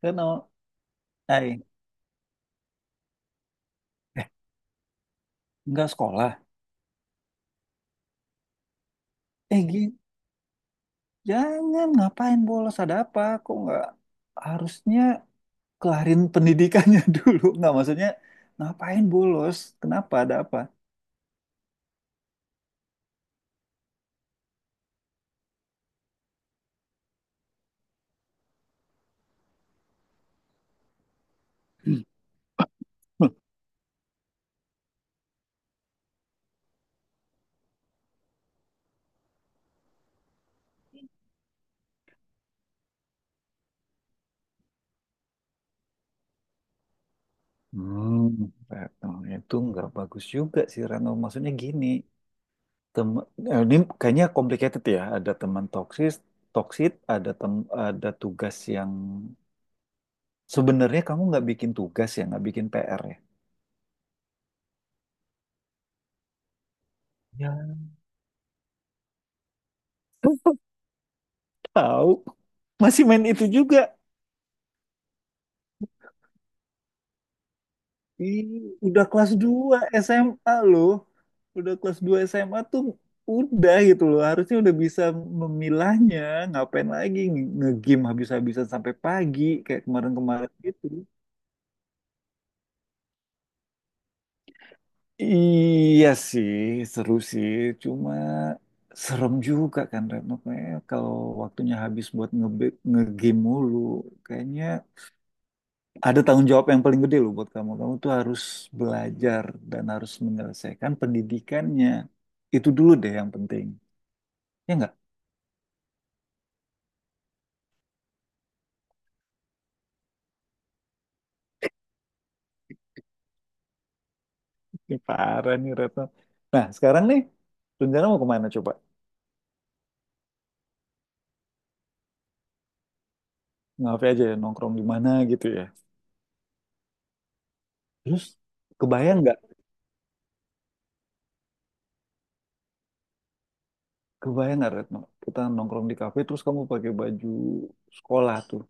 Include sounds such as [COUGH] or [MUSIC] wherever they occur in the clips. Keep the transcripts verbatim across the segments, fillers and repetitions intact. Kena, eh, eh, nggak sekolah. Eh, gini, jangan ngapain bolos ada apa? Kok nggak harusnya kelarin pendidikannya [LAUGHS] dulu? Nggak maksudnya ngapain bolos? Kenapa ada apa? Hmm, Retno, itu nggak bagus juga sih Rano. Maksudnya gini, tem eh, ini kayaknya complicated ya. Ada teman toksis, toksit, ada tem ada tugas yang sebenarnya kamu nggak bikin tugas ya, nggak bikin P R ya. Ya. Tahu. Masih main itu juga. Ih, udah kelas dua S M A loh. Udah kelas dua S M A tuh udah gitu loh. Harusnya udah bisa memilahnya. Ngapain lagi nge- nge-game habis-habisan sampai pagi kayak kemarin-kemarin gitu. Iya sih, seru sih. Cuma serem juga kan Reno. Kayaknya kalau waktunya habis buat nge- nge-game mulu. Kayaknya ada tanggung jawab yang paling gede loh buat kamu. Kamu tuh harus belajar dan harus menyelesaikan pendidikannya. Itu dulu deh yang penting. Ya nggak? Ini parah nih Retno. Nah, sekarang nih, rencana mau kemana coba? Ngapain aja ya, nongkrong di mana gitu ya. Terus, kebayang nggak? Kebayang nggak Retno? Kita nongkrong di kafe, terus kamu pakai baju sekolah tuh.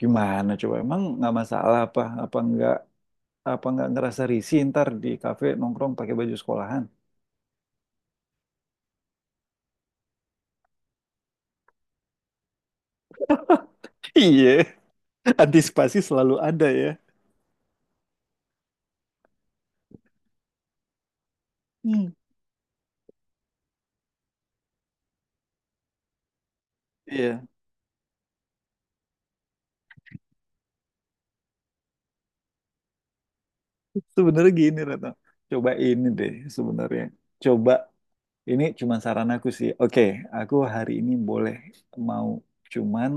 Gimana coba? Emang nggak masalah apa? Apa nggak apa nggak ngerasa risih ntar di kafe nongkrong pakai baju sekolahan? [LAUGHS] Iya. Antisipasi selalu ada ya. Hmm. Iya. Sebenarnya gini Retno. Coba ini deh sebenarnya. Coba ini cuma saran aku sih. Oke, aku hari ini boleh mau cuman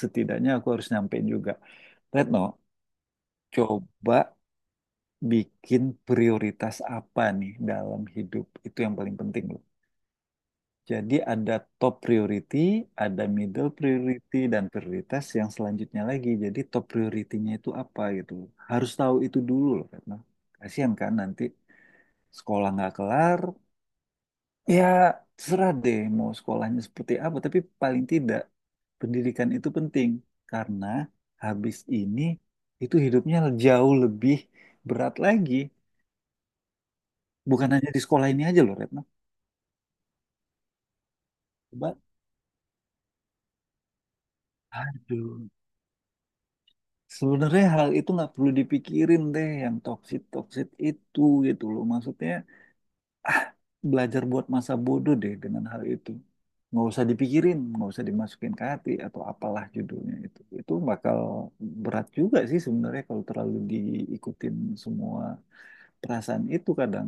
setidaknya aku harus nyampein juga. Retno, coba bikin prioritas apa nih dalam hidup itu yang paling penting loh. Jadi ada top priority, ada middle priority, dan prioritas yang selanjutnya lagi. Jadi top prioritinya itu apa gitu. Harus tahu itu dulu loh karena kasihan kan nanti sekolah nggak kelar. Ya terserah deh mau sekolahnya seperti apa. Tapi paling tidak pendidikan itu penting. Karena habis ini itu hidupnya jauh lebih berat lagi. Bukan hanya di sekolah ini aja loh Retno. Coba. Aduh. Sebenarnya hal itu nggak perlu dipikirin deh yang toksit-toksit itu gitu loh. Maksudnya ah, belajar buat masa bodoh deh dengan hal itu. Nggak usah dipikirin, nggak usah dimasukin ke hati atau apalah judulnya itu. Itu bakal berat juga sih sebenarnya kalau terlalu diikutin semua perasaan itu kadang.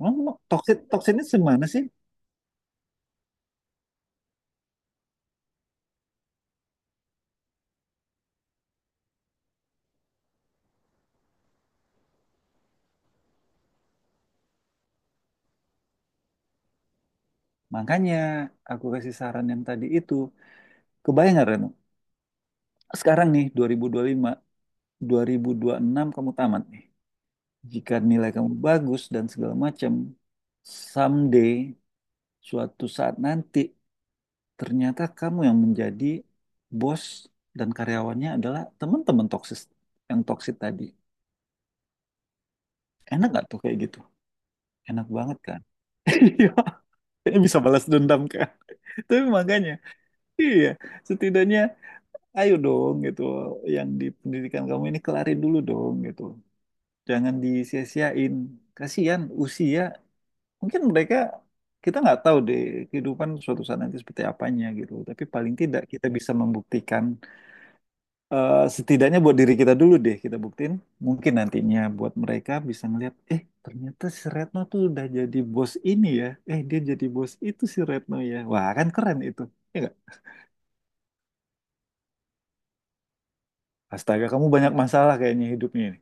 Emang mau- toksit toksitnya semana sih? Makanya aku kasih saran yang tadi itu. Kebayang nggak Reno? Sekarang nih dua ribu dua puluh lima, dua ribu ribu lima, dua ribu dua puluh lima, enam kamu tamat nih. Jika nilai kamu bagus dan segala macam, someday, suatu saat nanti, ternyata kamu yang menjadi bos dan karyawannya adalah teman-teman toksis yang toksit tadi. Enak nggak tuh kayak gitu? Enak banget kan? [LAUGHS] Iya, kayaknya bisa balas dendam kan? [LAUGHS] Tapi makanya, iya, setidaknya ayo dong gitu, yang di pendidikan kamu ini kelarin dulu dong gitu. Jangan disia-siain. Kasihan usia mungkin mereka kita nggak tahu deh kehidupan suatu saat nanti seperti apanya gitu tapi paling tidak kita bisa membuktikan eh, setidaknya buat diri kita dulu deh kita buktiin mungkin nantinya buat mereka bisa ngeliat eh ternyata si Retno tuh udah jadi bos ini ya eh dia jadi bos itu si Retno ya wah kan keren itu ya nggak? Astaga kamu banyak masalah kayaknya hidupnya ini.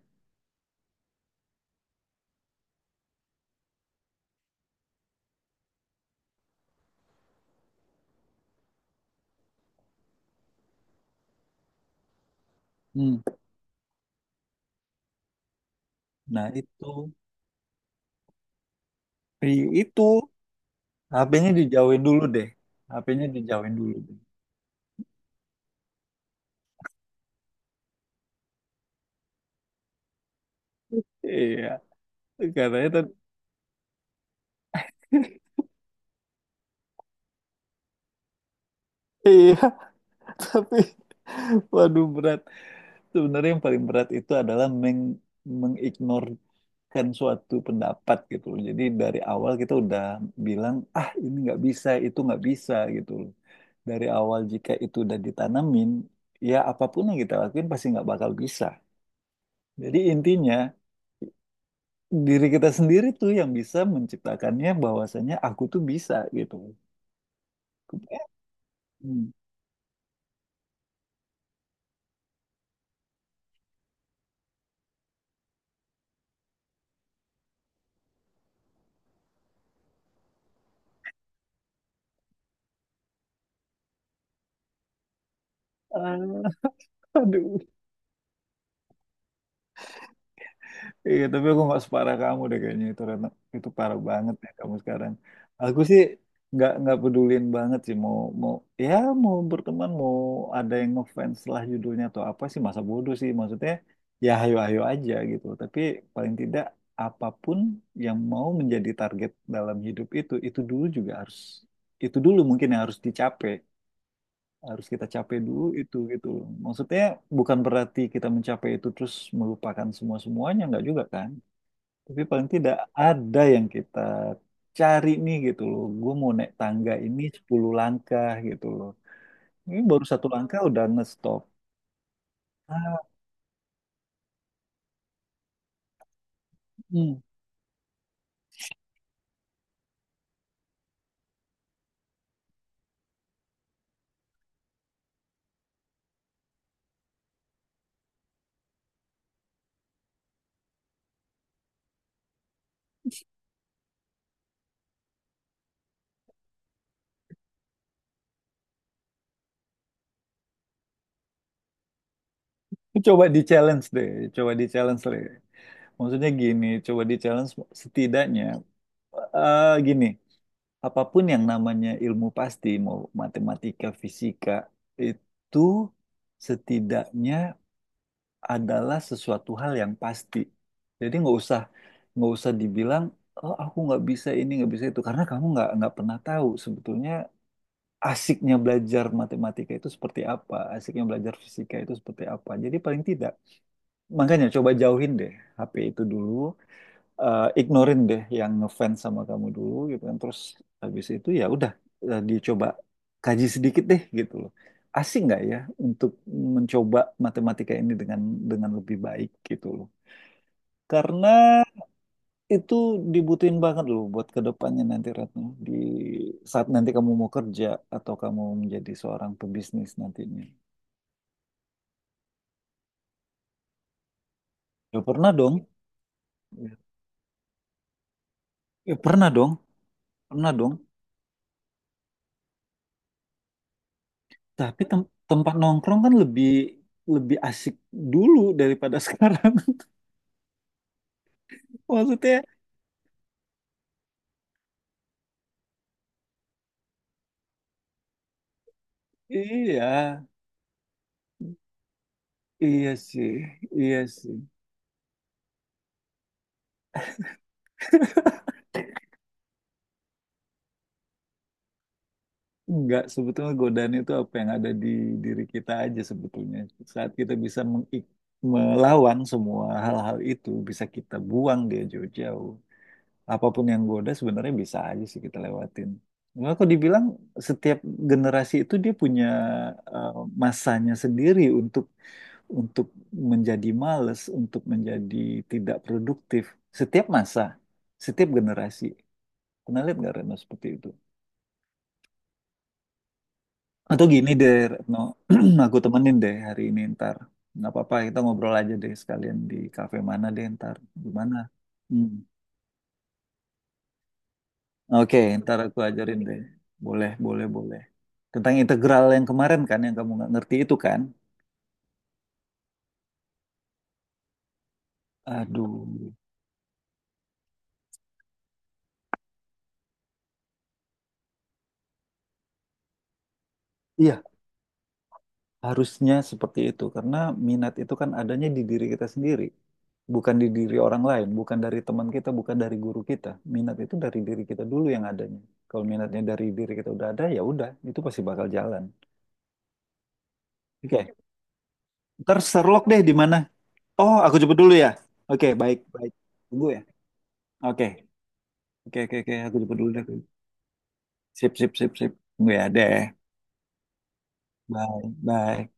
Hmm. Nah itu I- itu H P-nya dijauhin dulu deh. H P-nya dijauhin dulu deh. Iya katanya tadi. [LAUGHS] Iya. Tapi, waduh berat. Sebenarnya yang paling berat itu adalah meng mengignorkan suatu pendapat gitu loh. Jadi dari awal kita udah bilang, ah ini nggak bisa, itu nggak bisa gitu loh. Dari awal jika itu udah ditanamin, ya apapun yang kita lakuin pasti nggak bakal bisa. Jadi intinya diri kita sendiri tuh yang bisa menciptakannya bahwasanya aku tuh bisa gitu. Hmm. Ah, Aduh. Iya, tapi aku nggak separah kamu deh kayaknya itu Retno. Itu parah banget ya kamu sekarang. Aku sih nggak nggak pedulin banget sih mau mau ya mau berteman mau ada yang ngefans lah judulnya atau apa sih masa bodoh sih maksudnya ya ayo ayo aja gitu. Tapi paling tidak apapun yang mau menjadi target dalam hidup itu itu dulu juga harus itu dulu mungkin yang harus dicapai harus kita capai dulu itu gitu loh. Maksudnya bukan berarti kita mencapai itu terus melupakan semua semuanya nggak juga kan? Tapi paling tidak ada yang kita cari nih gitu loh. Gue mau naik tangga ini sepuluh langkah gitu loh. Ini baru satu langkah udah ngestop. Ah, hmm. Coba di challenge deh, coba di challenge deh. Maksudnya gini, coba di challenge setidaknya eh, gini, apapun yang namanya ilmu pasti, mau matematika, fisika, itu setidaknya adalah sesuatu hal yang pasti. Jadi nggak usah nggak usah dibilang oh aku nggak bisa ini nggak bisa itu karena kamu nggak nggak pernah tahu sebetulnya asiknya belajar matematika itu seperti apa, asiknya belajar fisika itu seperti apa. Jadi paling tidak makanya coba jauhin deh H P itu dulu, eh, ignorin deh yang ngefans sama kamu dulu gitu kan terus habis itu ya udah eh, dicoba kaji sedikit deh gitu loh asik nggak ya untuk mencoba matematika ini dengan dengan lebih baik gitu loh karena itu dibutuhin banget loh buat kedepannya nanti Retno di saat nanti kamu mau kerja atau kamu menjadi seorang pebisnis nantinya ya pernah dong ya pernah dong pernah dong. Tapi tem- tempat nongkrong kan lebih lebih asik dulu daripada [LAUGHS] sekarang. Maksudnya, iya, iya sih, iya sih. Enggak, sebetulnya godaan itu apa yang ada di diri kita aja sebetulnya. Saat kita bisa mengik- melawan semua hal-hal itu, bisa kita buang dia jauh-jauh. Apapun yang goda sebenarnya bisa aja sih kita lewatin. Cuma kok dibilang setiap generasi itu dia punya eh, masanya sendiri untuk untuk menjadi males, untuk menjadi tidak produktif. Setiap masa, setiap generasi. Pernah lihat nggak Retno seperti itu? Atau gini deh Retno, [CLEARS THROAT] aku temenin deh hari ini ntar. Nggak apa-apa, kita ngobrol aja deh sekalian di kafe mana deh ntar. Gimana? Hmm. Oke, ntar aku ajarin deh. Boleh, boleh, boleh. Tentang integral yang kemarin kan, yang kamu nggak ngerti itu kan? Aduh. Iya, harusnya seperti itu, karena minat itu kan adanya di diri kita sendiri, bukan di diri orang lain, bukan dari teman kita, bukan dari guru kita. Minat itu dari diri kita dulu yang adanya. Kalau minatnya dari diri kita udah ada, ya udah, itu pasti bakal jalan. Oke, ntar Sherlock deh di mana? Oh, aku jemput dulu ya. Oke, baik, baik. Tunggu ya. Oke, oke, oke, oke, aku jemput dulu deh. Sip, sip, sip, sip. Tunggu ya deh. Bye, bye.